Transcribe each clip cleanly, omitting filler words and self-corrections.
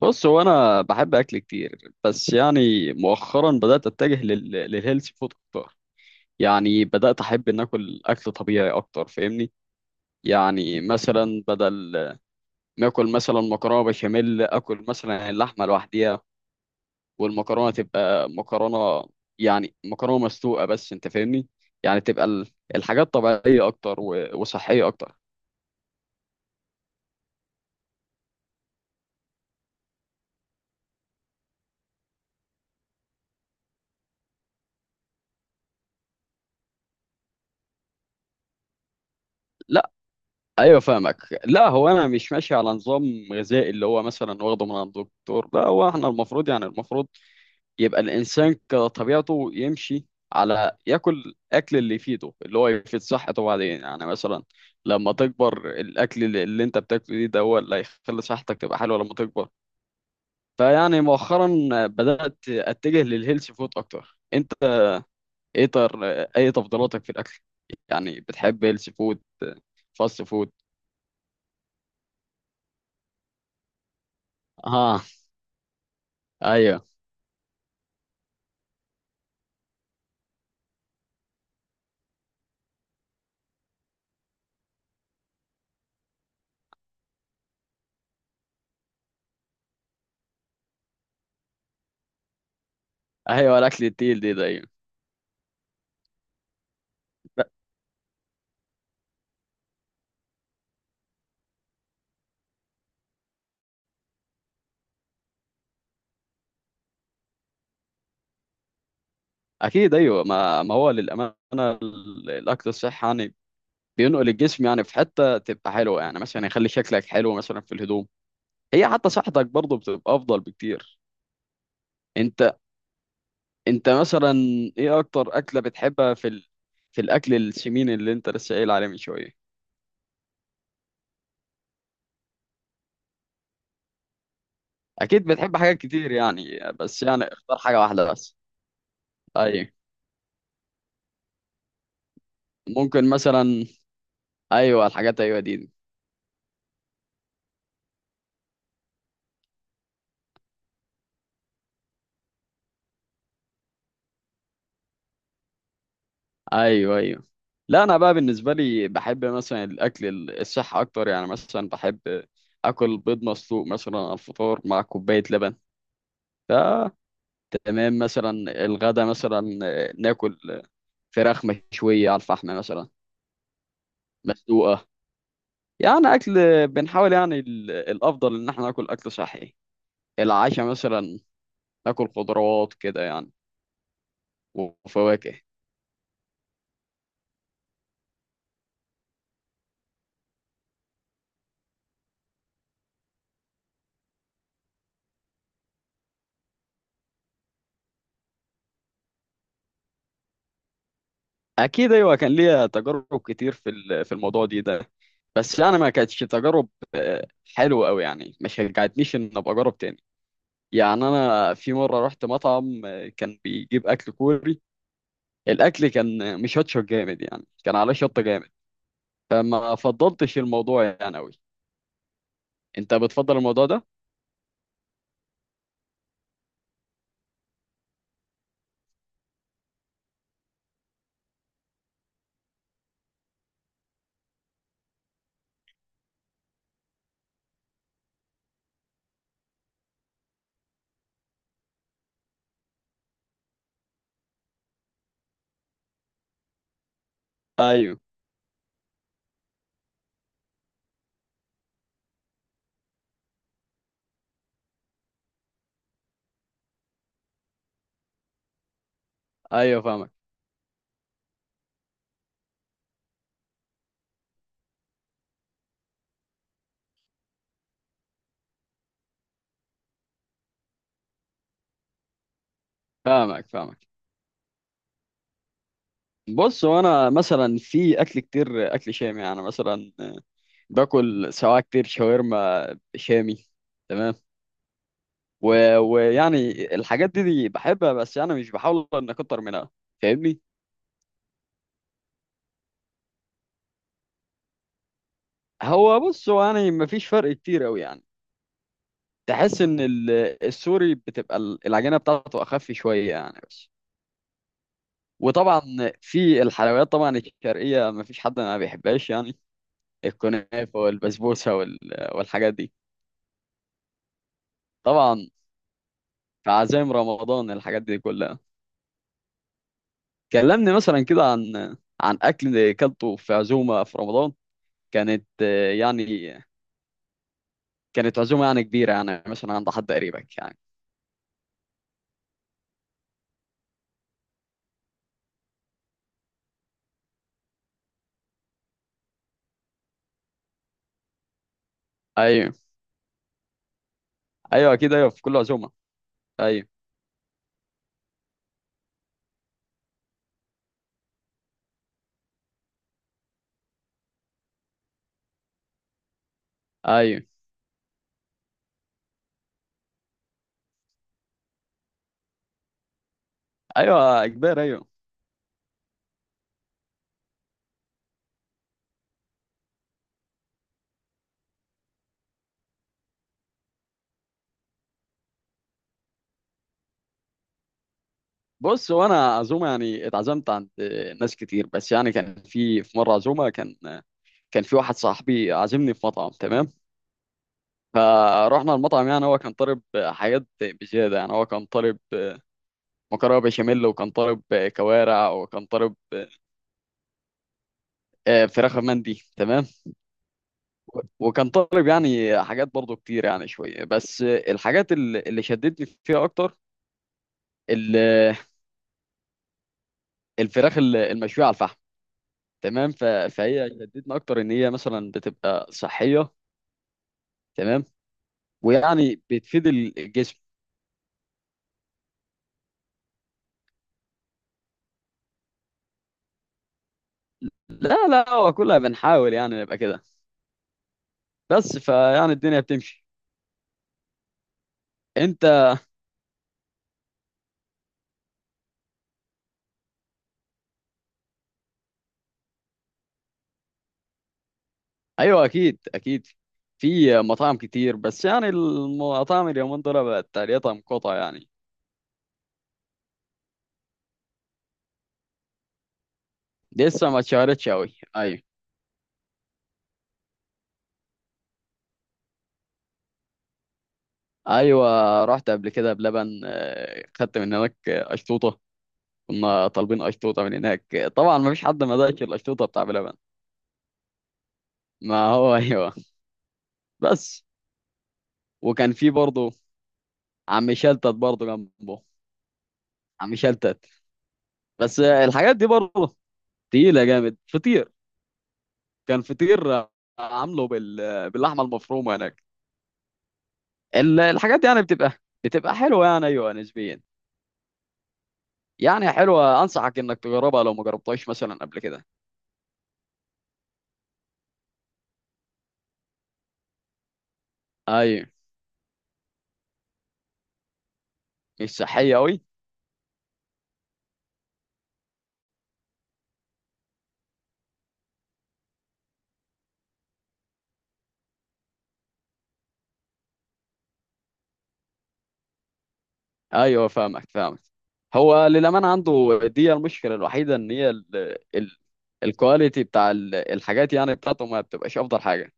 بص، هو انا بحب اكل كتير، بس يعني مؤخرا بدات اتجه للهيلثي فود اكتر. يعني بدات احب ان اكل اكل طبيعي اكتر، فاهمني؟ يعني مثلا بدل ما اكل مثلا مكرونه بشاميل، اكل مثلا اللحمه لوحديها والمكرونه تبقى مكرونه. يعني مكرونه مسلوقه بس، انت فاهمني؟ يعني تبقى الحاجات طبيعيه اكتر وصحيه اكتر. لا، ايوه فاهمك. لا، هو انا مش ماشي على نظام غذائي اللي هو مثلا واخده من عند الدكتور. لا، هو احنا المفروض، يعني المفروض يبقى الانسان كطبيعته يمشي على ياكل الاكل اللي يفيده، اللي هو يفيد صحته. بعدين يعني مثلا لما تكبر، الاكل اللي انت بتاكله ده هو اللي هيخلي صحتك تبقى حلوه لما تكبر. فيعني مؤخرا بدات اتجه للهيلث فود اكتر. انت ايه اي تفضيلاتك في الاكل؟ يعني بتحب هيلث فود فاست فود؟ اه. ايوه، ايوه، الاكل التقيل دي ده، أيوة. لا، اكيد ايوه. ما هو للامانه الاكل الصحي يعني بينقل الجسم يعني في حته تبقى حلوه. يعني مثلا يخلي شكلك حلو مثلا في الهدوم، هي حتى صحتك برضه بتبقى افضل بكتير. انت انت مثلا، ايه اكتر اكله بتحبها في في الاكل السمين اللي انت لسه قايل عليه من شويه؟ اكيد بتحب حاجات كتير يعني، بس يعني اختار حاجه واحده بس. ايوه، ممكن مثلا. ايوه، الحاجات ايوه دي. ايوه، ايوه. لا، انا بقى بالنسبه لي بحب مثلا الاكل الصحي اكتر. يعني مثلا بحب اكل بيض مسلوق مثلا على الفطار مع كوبايه لبن. ف تمام. مثلا الغدا مثلا ناكل فراخ مشويه على الفحم مثلا، مسلوقه. يعني اكل، بنحاول يعني الافضل ان احنا ناكل اكل صحي. العشاء مثلا ناكل خضروات كده يعني، وفواكه. اكيد ايوه، كان ليا تجارب كتير في في الموضوع دي ده، بس يعني ما كانتش تجارب آه، حلوه قوي. يعني ما شجعتنيش ان ابقى اجرب تاني. يعني انا في مره رحت مطعم آه، كان بيجيب اكل كوري. الاكل كان مشطشط جامد، يعني كان عليه شطه جامد. فما فضلتش الموضوع يعني قوي. انت بتفضل الموضوع ده؟ ايوه. ايوه فاهمك، فاهمك. بص، وانا مثلا في اكل كتير، اكل شامي يعني مثلا آه، باكل سواء كتير شاورما شامي. تمام. ويعني الحاجات دي بحبها، بس يعني مش بحاول ان اكتر منها، فاهمني؟ هو بص، هو يعني مفيش فرق كتير قوي يعني. تحس ان السوري بتبقى العجينه بتاعته اخف شويه يعني، بس. وطبعا في الحلويات طبعا الشرقيه مفيش حد ما بيحبهاش يعني، الكنافه والبسبوسه والحاجات دي. طبعا في عزايم رمضان الحاجات دي كلها. كلمني مثلا كده عن عن اكل كلته في عزومه في رمضان. كانت آه، يعني كانت عزومه يعني كبيره يعني مثلا عند حد قريبك يعني؟ ايوه، ايوه، اكيد ايوه، في كل عزومه. ايوه، ايوه، ايوه، كبير ايوه. بص، وانا عزومه يعني اتعزمت عند ناس كتير، بس يعني كان في مره عزومه، كان في واحد صاحبي عازمني في مطعم، تمام. فروحنا المطعم، يعني هو كان طالب حاجات بزياده. يعني هو كان طالب مكرونه بشاميل، وكان طالب كوارع، وكان طالب آه، فراخ مندي، تمام. وكان طالب يعني حاجات برضو كتير يعني شوية. بس الحاجات اللي شدتني فيها أكتر ال- الفراخ المشوية على الفحم، تمام. فهي شدتني أكتر إن هي مثلا بتبقى صحية، تمام. ويعني بتفيد الجسم. لا لا، هو كلها بنحاول يعني نبقى كده، بس فيعني الدنيا بتمشي. أنت، أيوه أكيد أكيد، في مطاعم كتير، بس يعني المطاعم اليومين دول بقت تقريبا مقاطعة يعني. لسه ما اتشهرتش أوي، أيوه. ايوه، رحت قبل كده بلبن آه، خدت من هناك آه، اشطوطه. كنا طالبين اشطوطه من هناك آه، طبعا ما فيش حد ما دقش الاشطوطه بتاع بلبن. ما هو ايوه. بس، وكان في برضه عم شلتت برضه جنبه، عم شلتت. بس آه، الحاجات دي برضه تقيله جامد، فطير. كان فطير آه، عامله بال آه، باللحمه المفرومه هناك. الحاجات دي يعني بتبقى حلوه يعني، ايوه نسبيا. يعني حلوه، انصحك انك تجربها لو ما جربتهاش مثلا قبل كده. ايوه، مش صحيه قوي. ايوه فاهمك فاهمك. هو للامانه عنده دي المشكله الوحيده، ان هي ال... الكواليتي بتاع الحاجات يعني بتاعته ما بتبقاش افضل حاجه،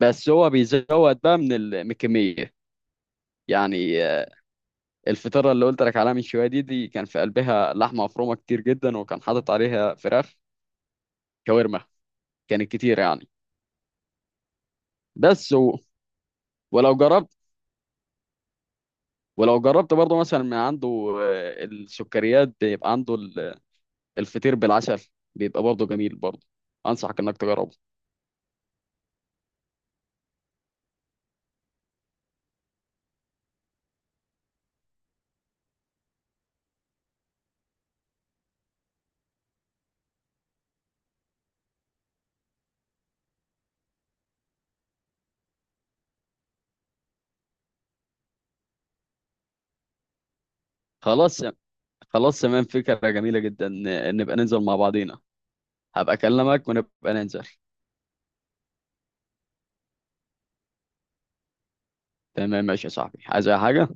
بس هو بيزود بقى من من الكميه. يعني آه، الفطيره اللي قلت لك عليها من شويه دي كان في قلبها لحمه مفرومه كتير جدا، وكان حاطط عليها فراخ شاورما، كانت كتير يعني. بس ولو جربت ولو جربت برضه مثلا من عنده آه، السكريات بيبقى عنده الفطير بالعسل، بيبقى برضه جميل برضه، انصحك انك تجربه. خلاص خلاص تمام، فكرة جميلة جدا. نبقى ننزل مع بعضينا، هبقى اكلمك ونبقى ننزل. تمام، ماشي يا صاحبي، عايز اي حاجة؟